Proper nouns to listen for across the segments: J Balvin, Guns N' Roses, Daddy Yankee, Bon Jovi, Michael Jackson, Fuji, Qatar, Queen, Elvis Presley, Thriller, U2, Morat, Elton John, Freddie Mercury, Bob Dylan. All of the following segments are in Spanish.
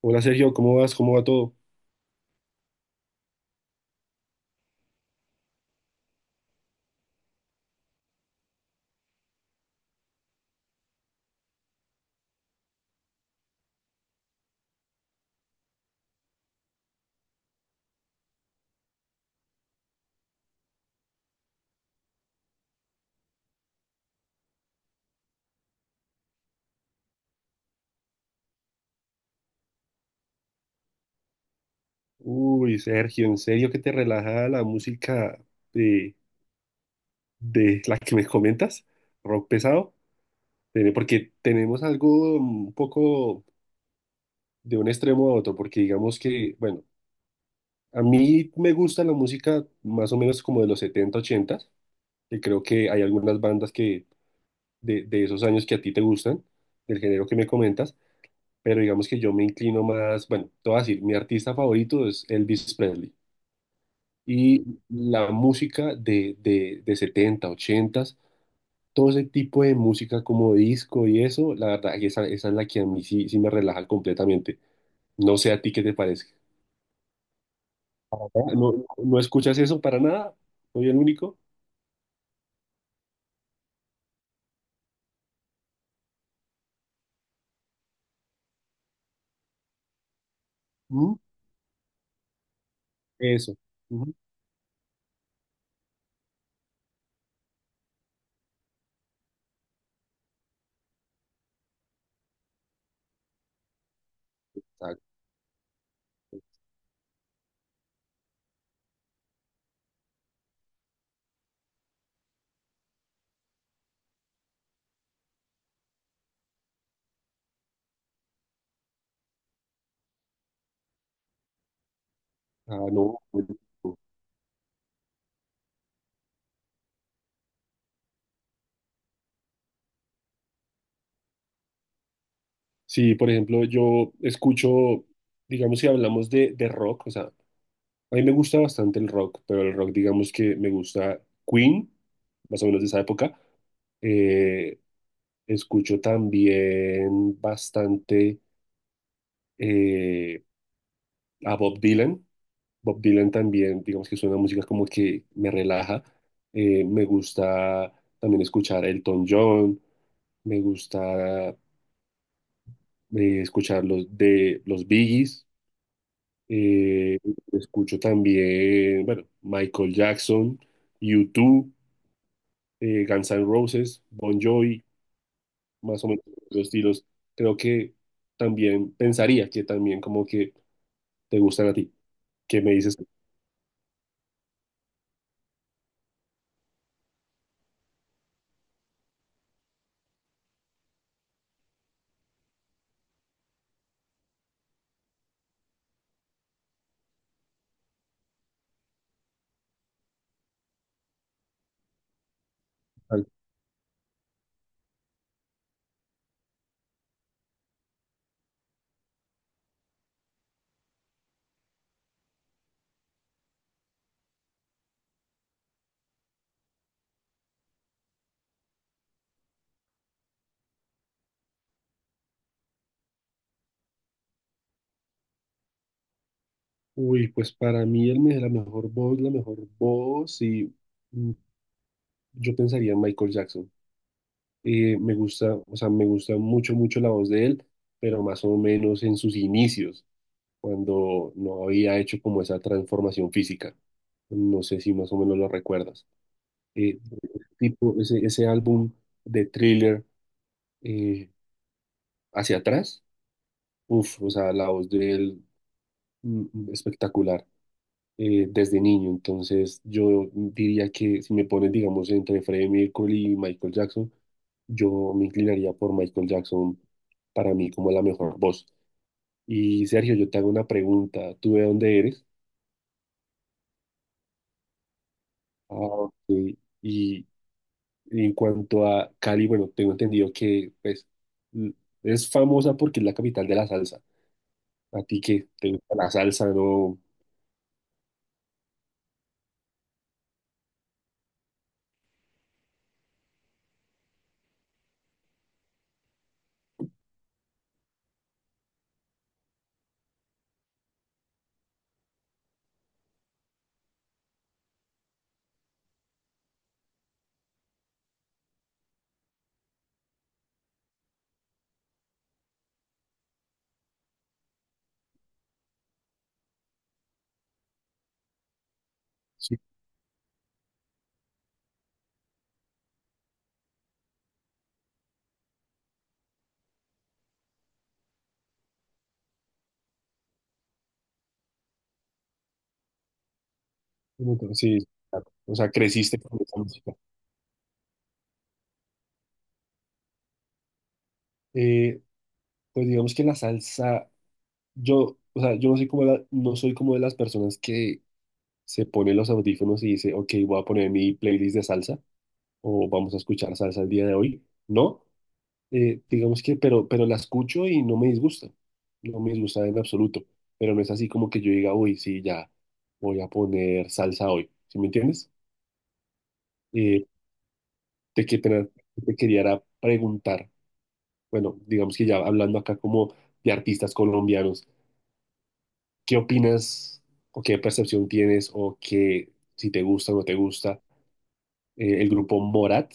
Hola Sergio, ¿cómo vas? ¿Cómo va todo? Uy, Sergio, ¿en serio que te relaja la música de, de la que me comentas? Rock pesado. Porque tenemos algo un poco de un extremo a otro, porque digamos que, bueno, a mí me gusta la música más o menos como de los 70 80, que creo que hay algunas bandas que de esos años que a ti te gustan, del género que me comentas, pero digamos que yo me inclino más, bueno, te voy a decir, mi artista favorito es Elvis Presley. Y la música de 70 80, todo ese tipo de música como disco y eso, la verdad, que esa es la que a mí sí, sí me relaja completamente. No sé a ti qué te parece. ¿Ah? ¿No, no escuchas eso para nada? ¿Soy el único? ¿Mm? Eso. Ujú. Exacto. Ah, no. No. Sí, por ejemplo, yo escucho, digamos, si hablamos de rock, o sea, a mí me gusta bastante el rock, pero el rock, digamos que me gusta Queen, más o menos de esa época. Eh, Escucho también bastante eh, a Bob Dylan. Bob Dylan también, digamos que es una música como que me relaja. Me gusta también escuchar Elton John. Me gusta escuchar los de los Biggies. Eh, Escucho también, bueno, Michael Jackson, U2, Guns N' Roses, Bon Jovi. Más o menos los estilos, creo que también pensaría que también como que te gustan a ti, qué me dices. Uy, pues para mí él me la mejor voz, y mm, yo pensaría en Michael Jackson. Me gusta, o sea, me gusta mucho, mucho la voz de él, pero más o menos en sus inicios, cuando no había hecho como esa transformación física. No sé si más o menos lo recuerdas. Eh, Tipo, ese álbum de Thriller eh, hacia atrás. Uf, o sea, la voz de él espectacular, desde niño. Entonces, yo diría que si me pones, digamos, entre Freddie Mercury y Michael Jackson, yo me inclinaría por Michael Jackson para mí como la mejor voz. Y Sergio, yo te hago una pregunta. ¿Tú de dónde eres? Ah, ok. Y, y en cuanto a Cali, bueno, tengo entendido que pues l- es famosa porque es la capital de la salsa. ¿A ti qué? ¿Te gusta la salsa, no? Entonces, sí, sí, claro. O sea, creciste con esa música. Eh, pues digamos que la salsa, yo, o sea, yo no soy como no soy como de las personas que se ponen los audífonos y dice, ok, voy a poner mi playlist de salsa o vamos a escuchar salsa el día de hoy. No, digamos que, pero la escucho y no me disgusta, no me disgusta en absoluto, pero no es así como que yo diga, uy, sí, ya voy a poner salsa hoy, ¿sí me entiendes? Eh, Te, te quería era preguntar. Bueno, digamos que ya hablando acá como de artistas colombianos, ¿qué opinas o qué percepción tienes o qué, si te gusta o no te gusta, el grupo Morat?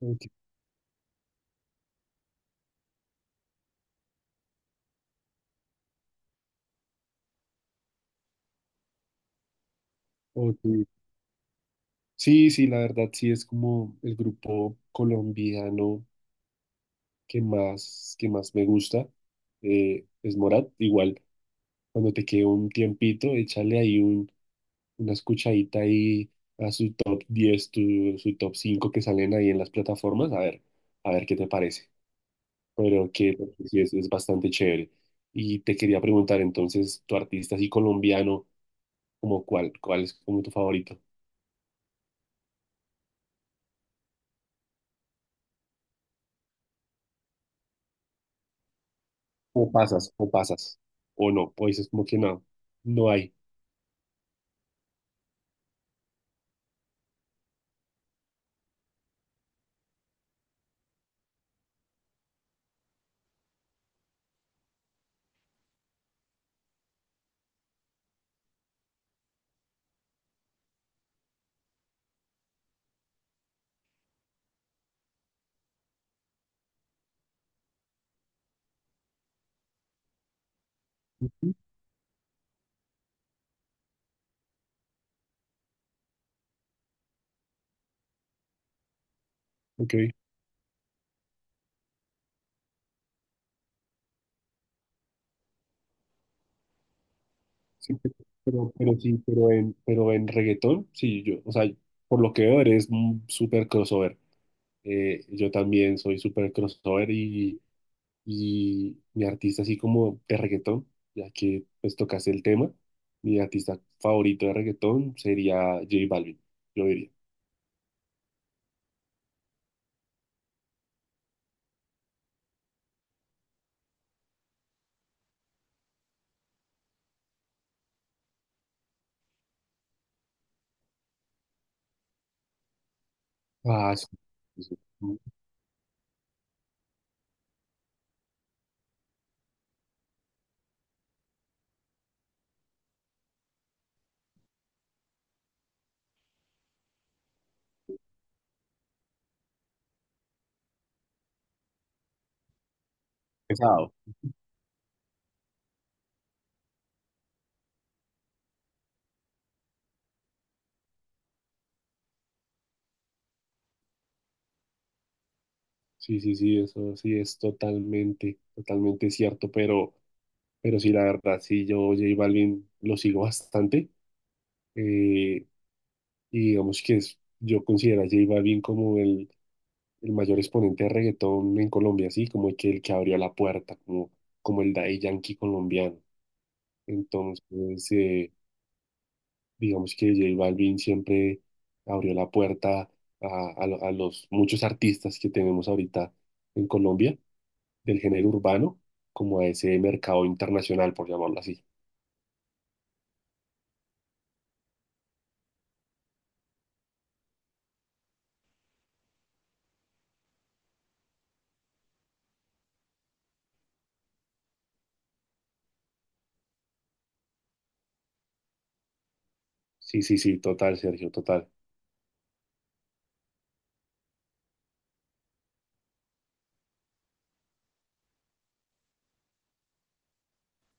Ok, ok. Sí, sí, la verdad sí es como el grupo colombiano que más me gusta, es Morat. Igual, cuando te quede un tiempito, échale ahí un, una escuchadita ahí a su top 10 su top 5 que salen ahí en las plataformas, a ver qué te parece. Pero que pues, sí es bastante chévere. Y te quería preguntar entonces, tu artista así colombiano, ¿como cuál es como tu favorito? O pasas, o pasas, o no, o dices como que no, no hay. Ok, sí, pero sí, pero en reggaetón, sí, yo, o sea, por lo que veo eres un súper crossover. Yo también soy súper crossover y mi artista así como de reggaetón, ya que pues tocaste el tema, mi artista favorito de reggaetón sería J Balvin, yo diría. Ah, sí, sí, sí. Pesado. Sí, sí, sí, eso sí es totalmente, totalmente cierto, pero sí, la verdad, sí, yo J Balvin lo sigo bastante, eh, y digamos que yo considero a J Balvin como el mayor exponente de reggaetón en Colombia, sí, como el que abrió la puerta, como el Daddy Yankee colombiano. Entonces, eh, digamos que J Balvin siempre abrió la puerta a los muchos artistas que tenemos ahorita en Colombia, del género urbano, como a ese mercado internacional, por llamarlo así. Sí, sí, sí, total, Sergio, total.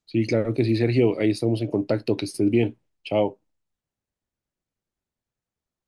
Sí, claro que sí, Sergio, ahí estamos en contacto, que estés bien. Chao.